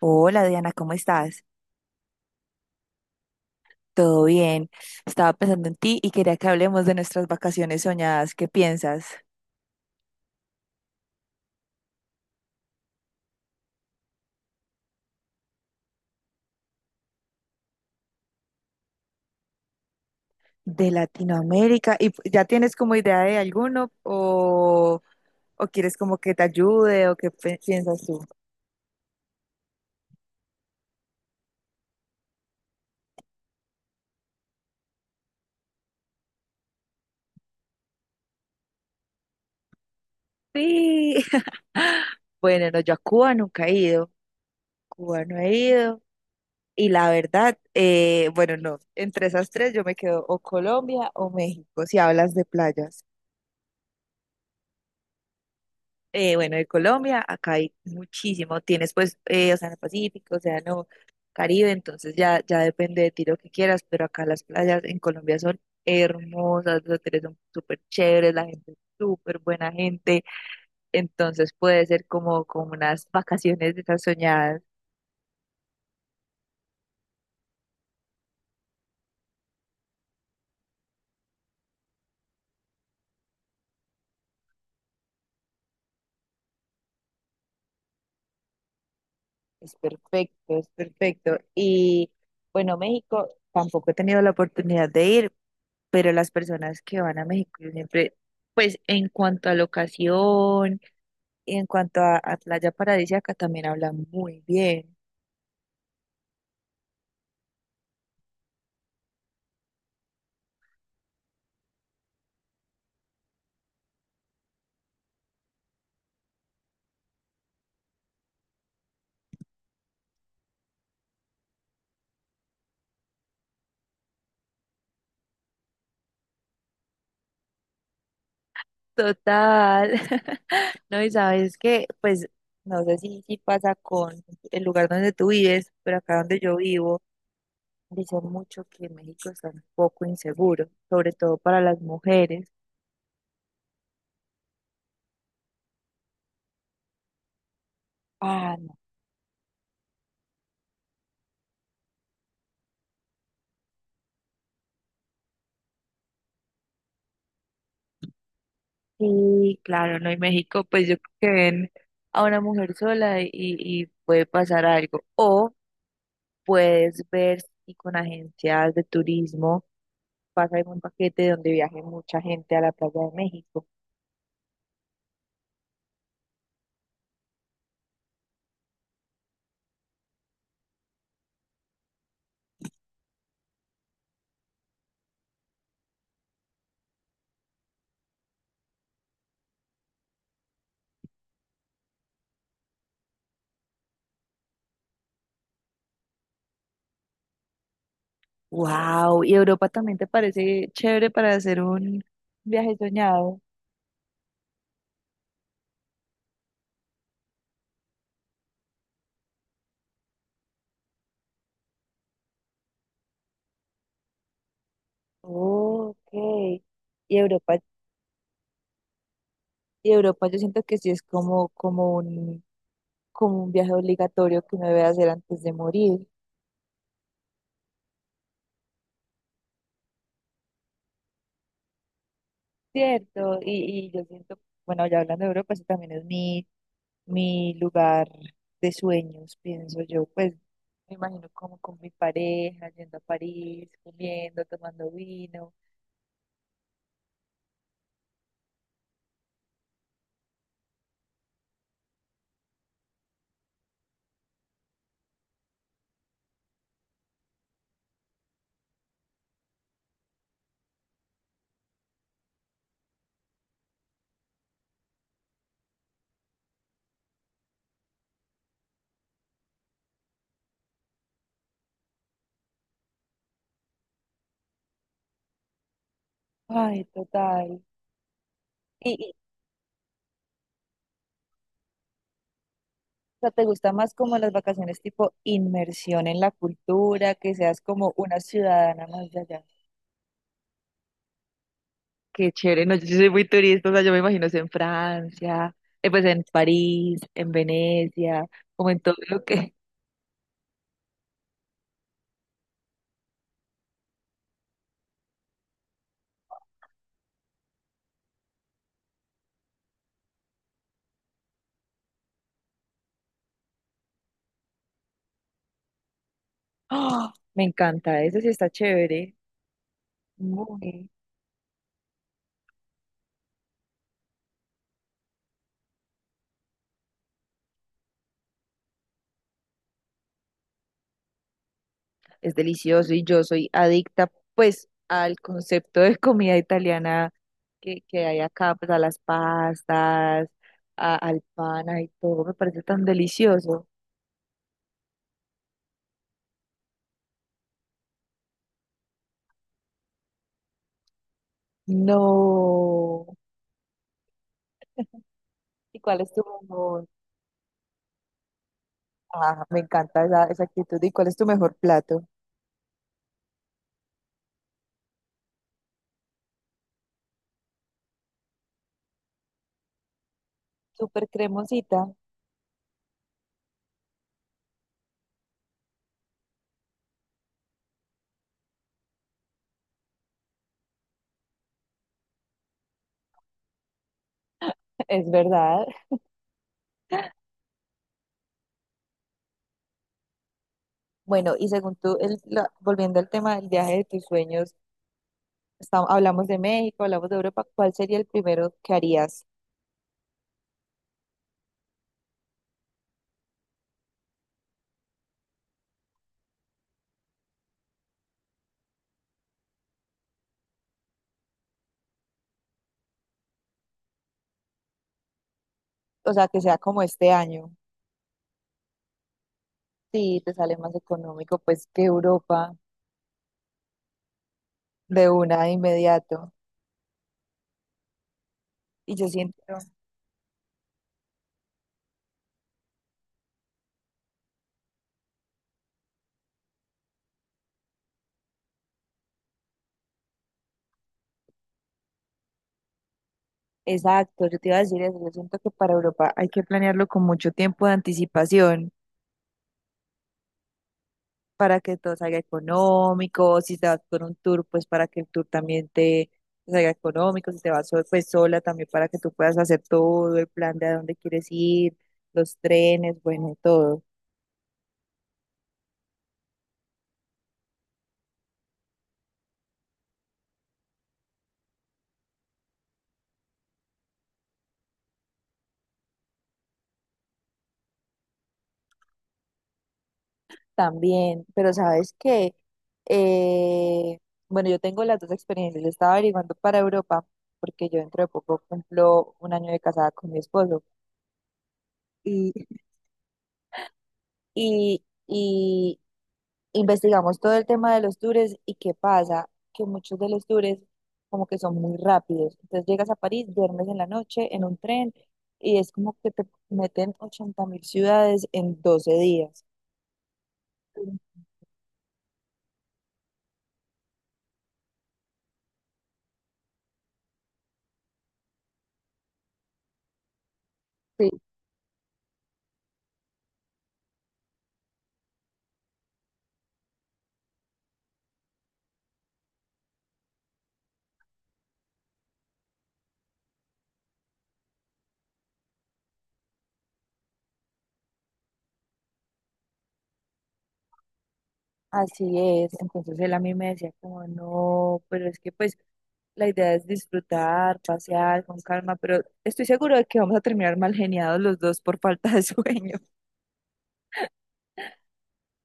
Hola Diana, ¿cómo estás? ¿Todo bien? Estaba pensando en ti y quería que hablemos de nuestras vacaciones soñadas. ¿Qué piensas de Latinoamérica? ¿Y ya tienes como idea de alguno o quieres como que te ayude o qué piensas tú? Sí. Bueno, no, yo a Cuba nunca he ido. Cuba no he ido. Y la verdad, bueno, no, entre esas tres yo me quedo o Colombia o México, si hablas de playas. Bueno, de Colombia, acá hay muchísimo. Tienes pues Océano Pacífico, Océano Caribe, entonces ya depende de ti lo que quieras, pero acá las playas en Colombia son hermosas, los hoteles son súper chéveres, la gente es súper buena gente, entonces puede ser como unas vacaciones de esas soñadas. Es perfecto, es perfecto. Y bueno, México, tampoco he tenido la oportunidad de ir, pero las personas que van a México yo siempre, pues en cuanto a locación, y en cuanto a Playa Paradisíaca, también habla muy bien. Total. No, y sabes que, pues, no sé si pasa con el lugar donde tú vives, pero acá donde yo vivo, dicen mucho que México está un poco inseguro, sobre todo para las mujeres. Ah, no. Sí, claro, no, y México, pues yo creo que ven a una mujer sola y puede pasar algo. O puedes ver si con agencias de turismo pasa en un paquete donde viaje mucha gente a la playa de México. Wow, ¿y Europa también te parece chévere para hacer un viaje soñado? Okay, y Europa, y Europa yo siento que sí es como un viaje obligatorio que uno debe hacer antes de morir. Cierto, y yo siento, bueno, ya hablando de Europa, ese también es mi lugar de sueños, pienso yo. Pues me imagino como con mi pareja, yendo a París, comiendo, tomando vino. Ay, total. Y, y, o sea, ¿te gusta más como las vacaciones tipo inmersión en la cultura, que seas como una ciudadana más de allá? Qué chévere, no, yo sí soy muy turista, o sea, yo me imagino es en Francia, pues en París, en Venecia, como en todo lo que... ¡Ah! Me encanta, eso sí está chévere, muy. Es delicioso y yo soy adicta pues al concepto de comida italiana que hay acá, pues a las pastas, al pan, y todo, me parece tan delicioso. No. ¿Y cuál es tu mejor? Ah, me encanta esa actitud. ¿Y cuál es tu mejor plato? Súper cremosita, es verdad. Bueno, y según tú, volviendo al tema del viaje de tus sueños, hablamos de México, hablamos de Europa, ¿cuál sería el primero que harías? O sea, que sea como este año. Sí, te sale más económico, pues, que Europa de una de inmediato. Y yo siento exacto, yo te iba a decir eso. Yo siento que para Europa hay que planearlo con mucho tiempo de anticipación para que todo salga económico. Si te vas con un tour, pues para que el tour también te salga económico. Si te vas pues sola también para que tú puedas hacer todo el plan de a dónde quieres ir, los trenes, bueno, todo también. Pero sabes que, bueno, yo tengo las dos experiencias. Yo estaba averiguando para Europa porque yo dentro de poco cumplo un año de casada con mi esposo, y investigamos todo el tema de los tours y qué pasa, que muchos de los tours como que son muy rápidos. Entonces llegas a París, duermes en la noche en un tren y es como que te meten 80.000 ciudades en 12 días. Sí, así es. Entonces él a mí me decía como no, pero es que pues la idea es disfrutar, pasear con calma, pero estoy seguro de que vamos a terminar mal geniados los dos por falta de sueño.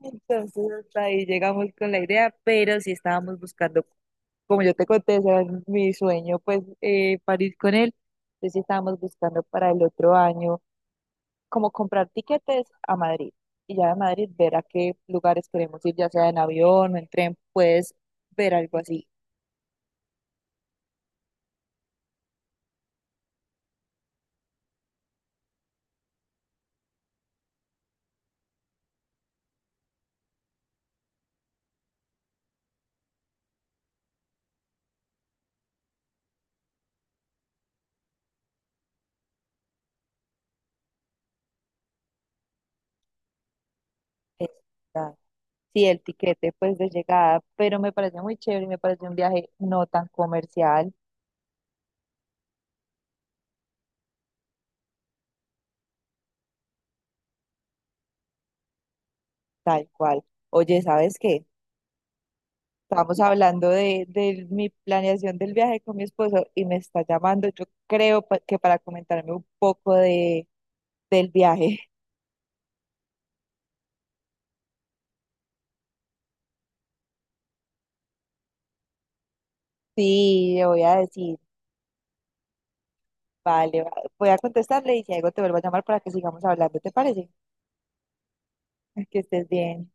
Entonces hasta ahí llegamos con la idea, pero sí estábamos buscando, como yo te conté, ese era mi sueño, pues París con él. Entonces sí estábamos buscando para el otro año, como comprar tiquetes a Madrid y ya de Madrid ver a qué lugares queremos ir, ya sea en avión o en tren, puedes ver algo así. Está- Sí, el tiquete pues de llegada, pero me parece muy chévere, y me parece un viaje no tan comercial, tal cual. Oye, ¿sabes qué? Estábamos hablando de mi planeación del viaje con mi esposo y me está llamando, yo creo que para comentarme un poco del viaje. Sí, le voy a decir, vale, voy a contestarle y si algo te vuelvo a llamar para que sigamos hablando, ¿te parece? Que estés bien.